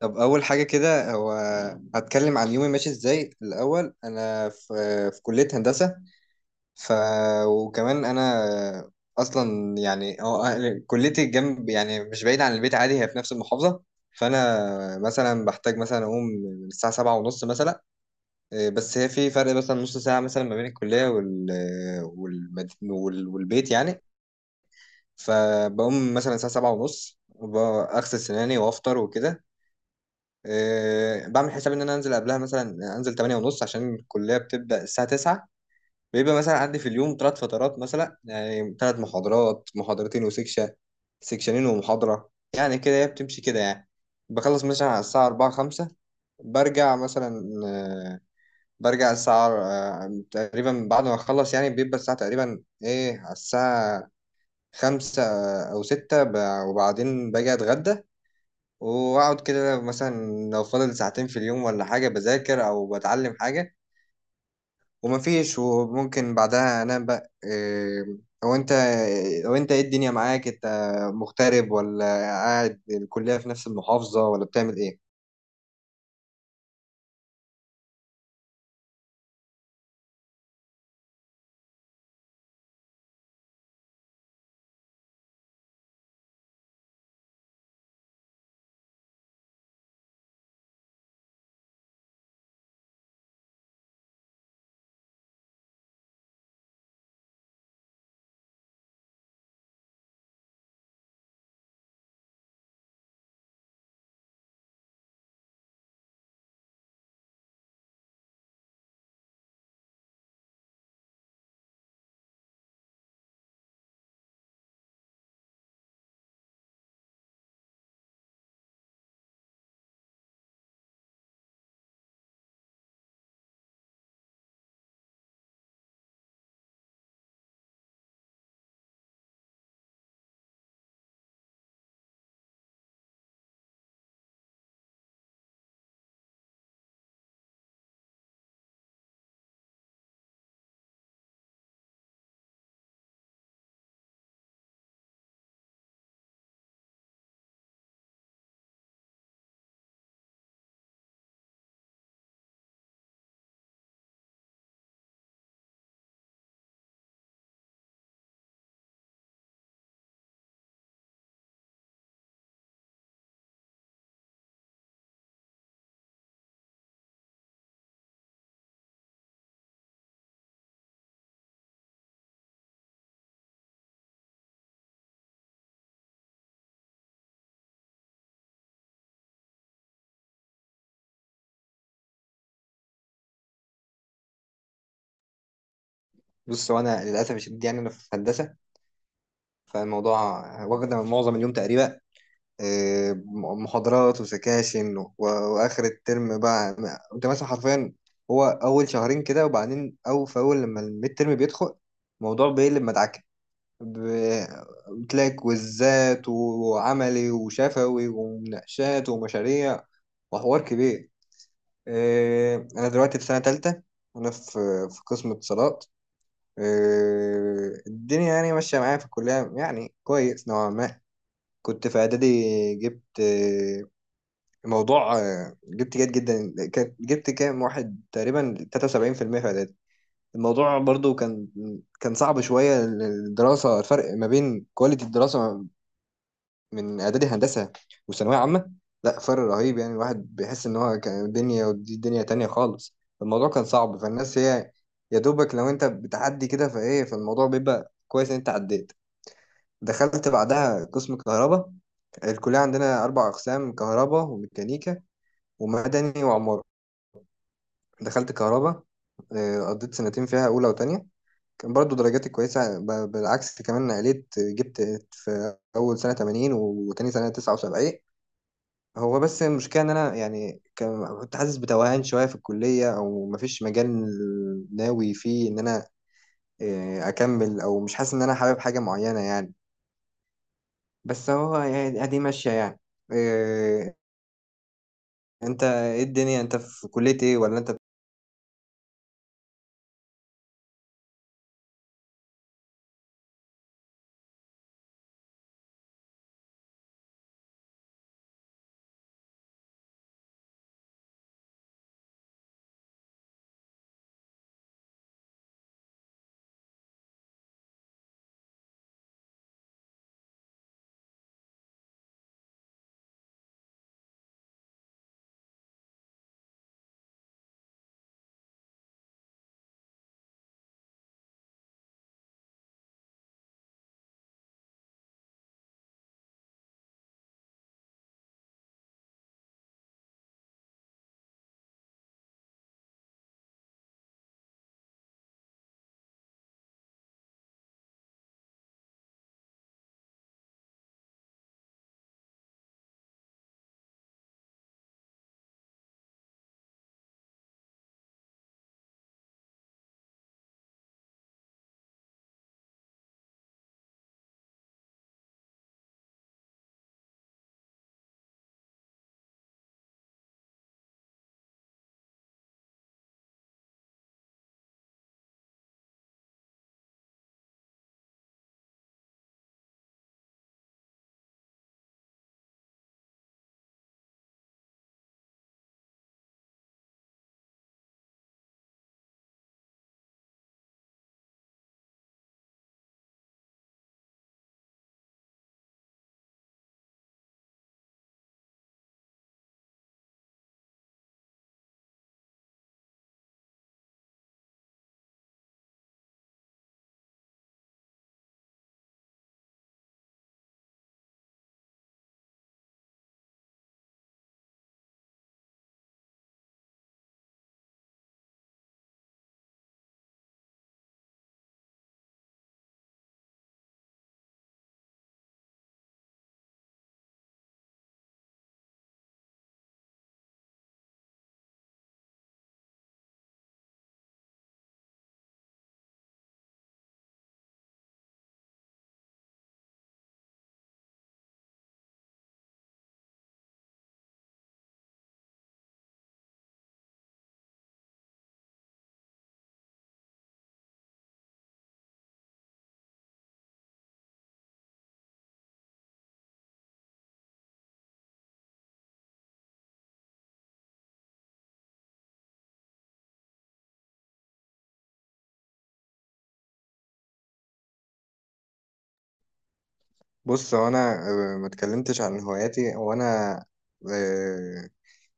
طب أول حاجة كده هو هتكلم عن يومي ماشي إزاي. الأول أنا في كلية هندسة. ف وكمان أنا أصلا يعني هو كليتي جنب يعني مش بعيد عن البيت، عادي، هي في نفس المحافظة. فأنا مثلا بحتاج مثلا أقوم من الساعة 7:30 مثلا. إيه، بس هي في فرق مثلا نص ساعة مثلا ما بين الكلية والبيت يعني. فبقوم مثلا الساعة 7:30 أغسل سناني وأفطر وكده. بعمل حساب ان انا انزل قبلها، مثلا انزل 8 ونص، عشان الكليه بتبدا الساعه 9. بيبقى مثلا عندي في اليوم ثلاث فترات، مثلا يعني ثلاث محاضرات، محاضرتين وسكشن، سكشنين ومحاضره. يعني كده هي بتمشي كده يعني. بخلص مثلا على الساعه 4 5. برجع مثلا آه، برجع الساعه تقريبا بعد ما اخلص، يعني بيبقى الساعه تقريبا ايه، على الساعه 5 او 6. وبعدين باجي اتغدى واقعد كده مثلا، لو فاضل ساعتين في اليوم ولا حاجة بذاكر او بتعلم حاجة. ومفيش، وممكن بعدها انام بقى. إيه، او انت او انت ايه الدنيا معاك؟ انت مغترب ولا قاعد الكلية في نفس المحافظة ولا بتعمل ايه؟ بص هو انا للاسف الشديد يعني انا في هندسة، فالموضوع واخد معظم اليوم تقريبا. محاضرات وسكاشن واخر الترم بقى انت مثلا حرفيا. هو اول شهرين كده، وبعدين او في اول لما الميد ترم بيدخل الموضوع بيقلب مدعكه. ب- بتلاقي كويزات وعملي وشفوي ومناقشات ومشاريع وحوار كبير. انا دلوقتي في سنه تالتة، انا في قسم اتصالات. الدنيا يعني ماشيه معايا في الكليه يعني كويس نوعا ما. كنت في اعدادي جبت الموضوع. جبت جيد جدا، جبت كام واحد؟ تقريبا 73% في المية في اعدادي. الموضوع برضو كان صعب شوية الدراسة. الفرق ما بين كواليتي الدراسة من اعدادي هندسة وثانوية عامة، لا فرق رهيب يعني. الواحد بيحس ان هو كان دنيا ودي دنيا تانية خالص. الموضوع كان صعب، فالناس هي يا دوبك لو انت بتعدي كده فايه، فالموضوع بيبقى كويس ان انت عديت. دخلت بعدها قسم كهرباء. الكلية عندنا أربع أقسام: كهرباء وميكانيكا ومدني وعمارة. دخلت كهرباء. قضيت سنتين فيها، أولى وتانية. كان برضو درجاتي كويسة، بالعكس، كمان عليت، جبت في أول سنة 80 وتاني سنة 79. هو بس المشكلة إن أنا يعني كنت حاسس بتوهان شوية في الكلية، أو مفيش مجال ناوي فيه إن أنا أكمل، أو مش حاسس إن أنا حابب حاجة معينة يعني. بس هو يعني أدي ماشية يعني. آه، أنت إيه الدنيا؟ أنت في كلية إيه ولا أنت؟ بص هو انا ما اتكلمتش عن هواياتي. هو انا آه،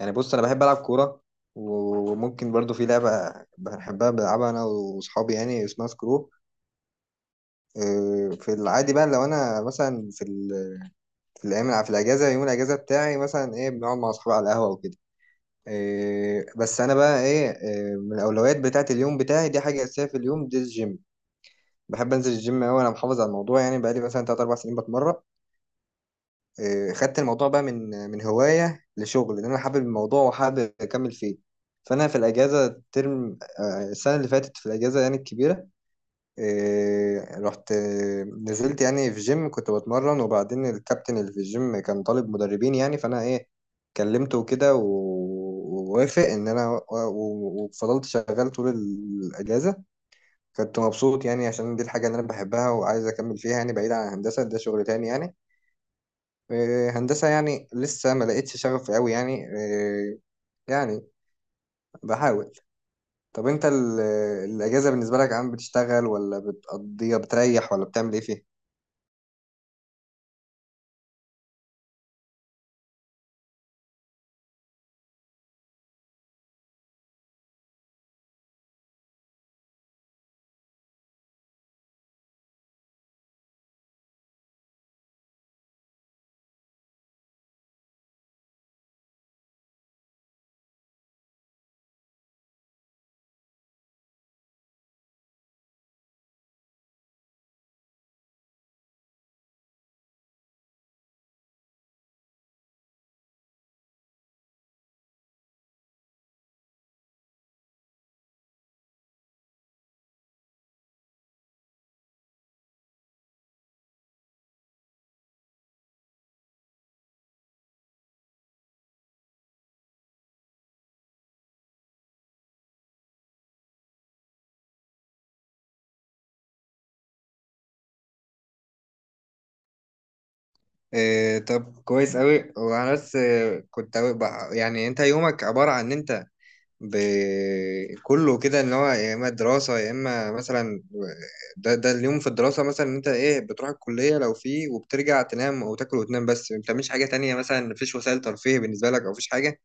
يعني بص، انا بحب العب كوره. وممكن برضو في لعبه بحبها بلعبها انا واصحابي، يعني اسمها سكرو. في العادي بقى لو انا مثلا في الايام، في الاجازه يوم الاجازه بتاعي مثلا ايه، بنقعد مع اصحابي على القهوه وكده. بس انا بقى ايه، من الاولويات بتاعه اليوم بتاعي دي، حاجه اساسيه في اليوم دي الجيم. بحب انزل الجيم قوي، انا محافظ على الموضوع يعني بقالي مثلا 3 4 سنين بتمرن. خدت الموضوع بقى من هواية لشغل، لأن أنا حابب الموضوع وحابب أكمل فيه. فأنا في الأجازة الترم، السنة اللي فاتت في الأجازة يعني الكبيرة، رحت، نزلت يعني في جيم كنت بتمرن، وبعدين الكابتن اللي في الجيم كان طالب مدربين، يعني فأنا إيه، كلمته كده ووافق إن أنا وفضلت شغال طول الأجازة. كنت مبسوط يعني عشان دي الحاجة اللي أنا بحبها وعايز أكمل فيها، يعني بعيد عن الهندسة، ده شغل تاني يعني. هندسة يعني لسه ما لقيتش شغف قوي يعني، يعني بحاول. طب انت الأجازة بالنسبة لك، عم بتشتغل ولا بتقضيها بتريح ولا بتعمل ايه فيها؟ طب كويس قوي. وانا بس كنت أوي يعني انت يومك عبارة عن ان انت ب... كله كده ان هو يا اما دراسة يا اما مثلا ده اليوم في الدراسة، مثلا إن انت ايه بتروح الكلية لو في، وبترجع تنام او تاكل وتنام بس ما بتعملش حاجة تانية. مثلا مفيش وسائل ترفيه بالنسبة لك او مفيش حاجة؟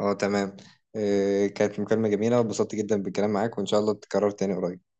اه تمام. كانت مكالمة جميلة واتبسطت جدا بالكلام معاك، وإن شاء الله تتكرر تاني قريب.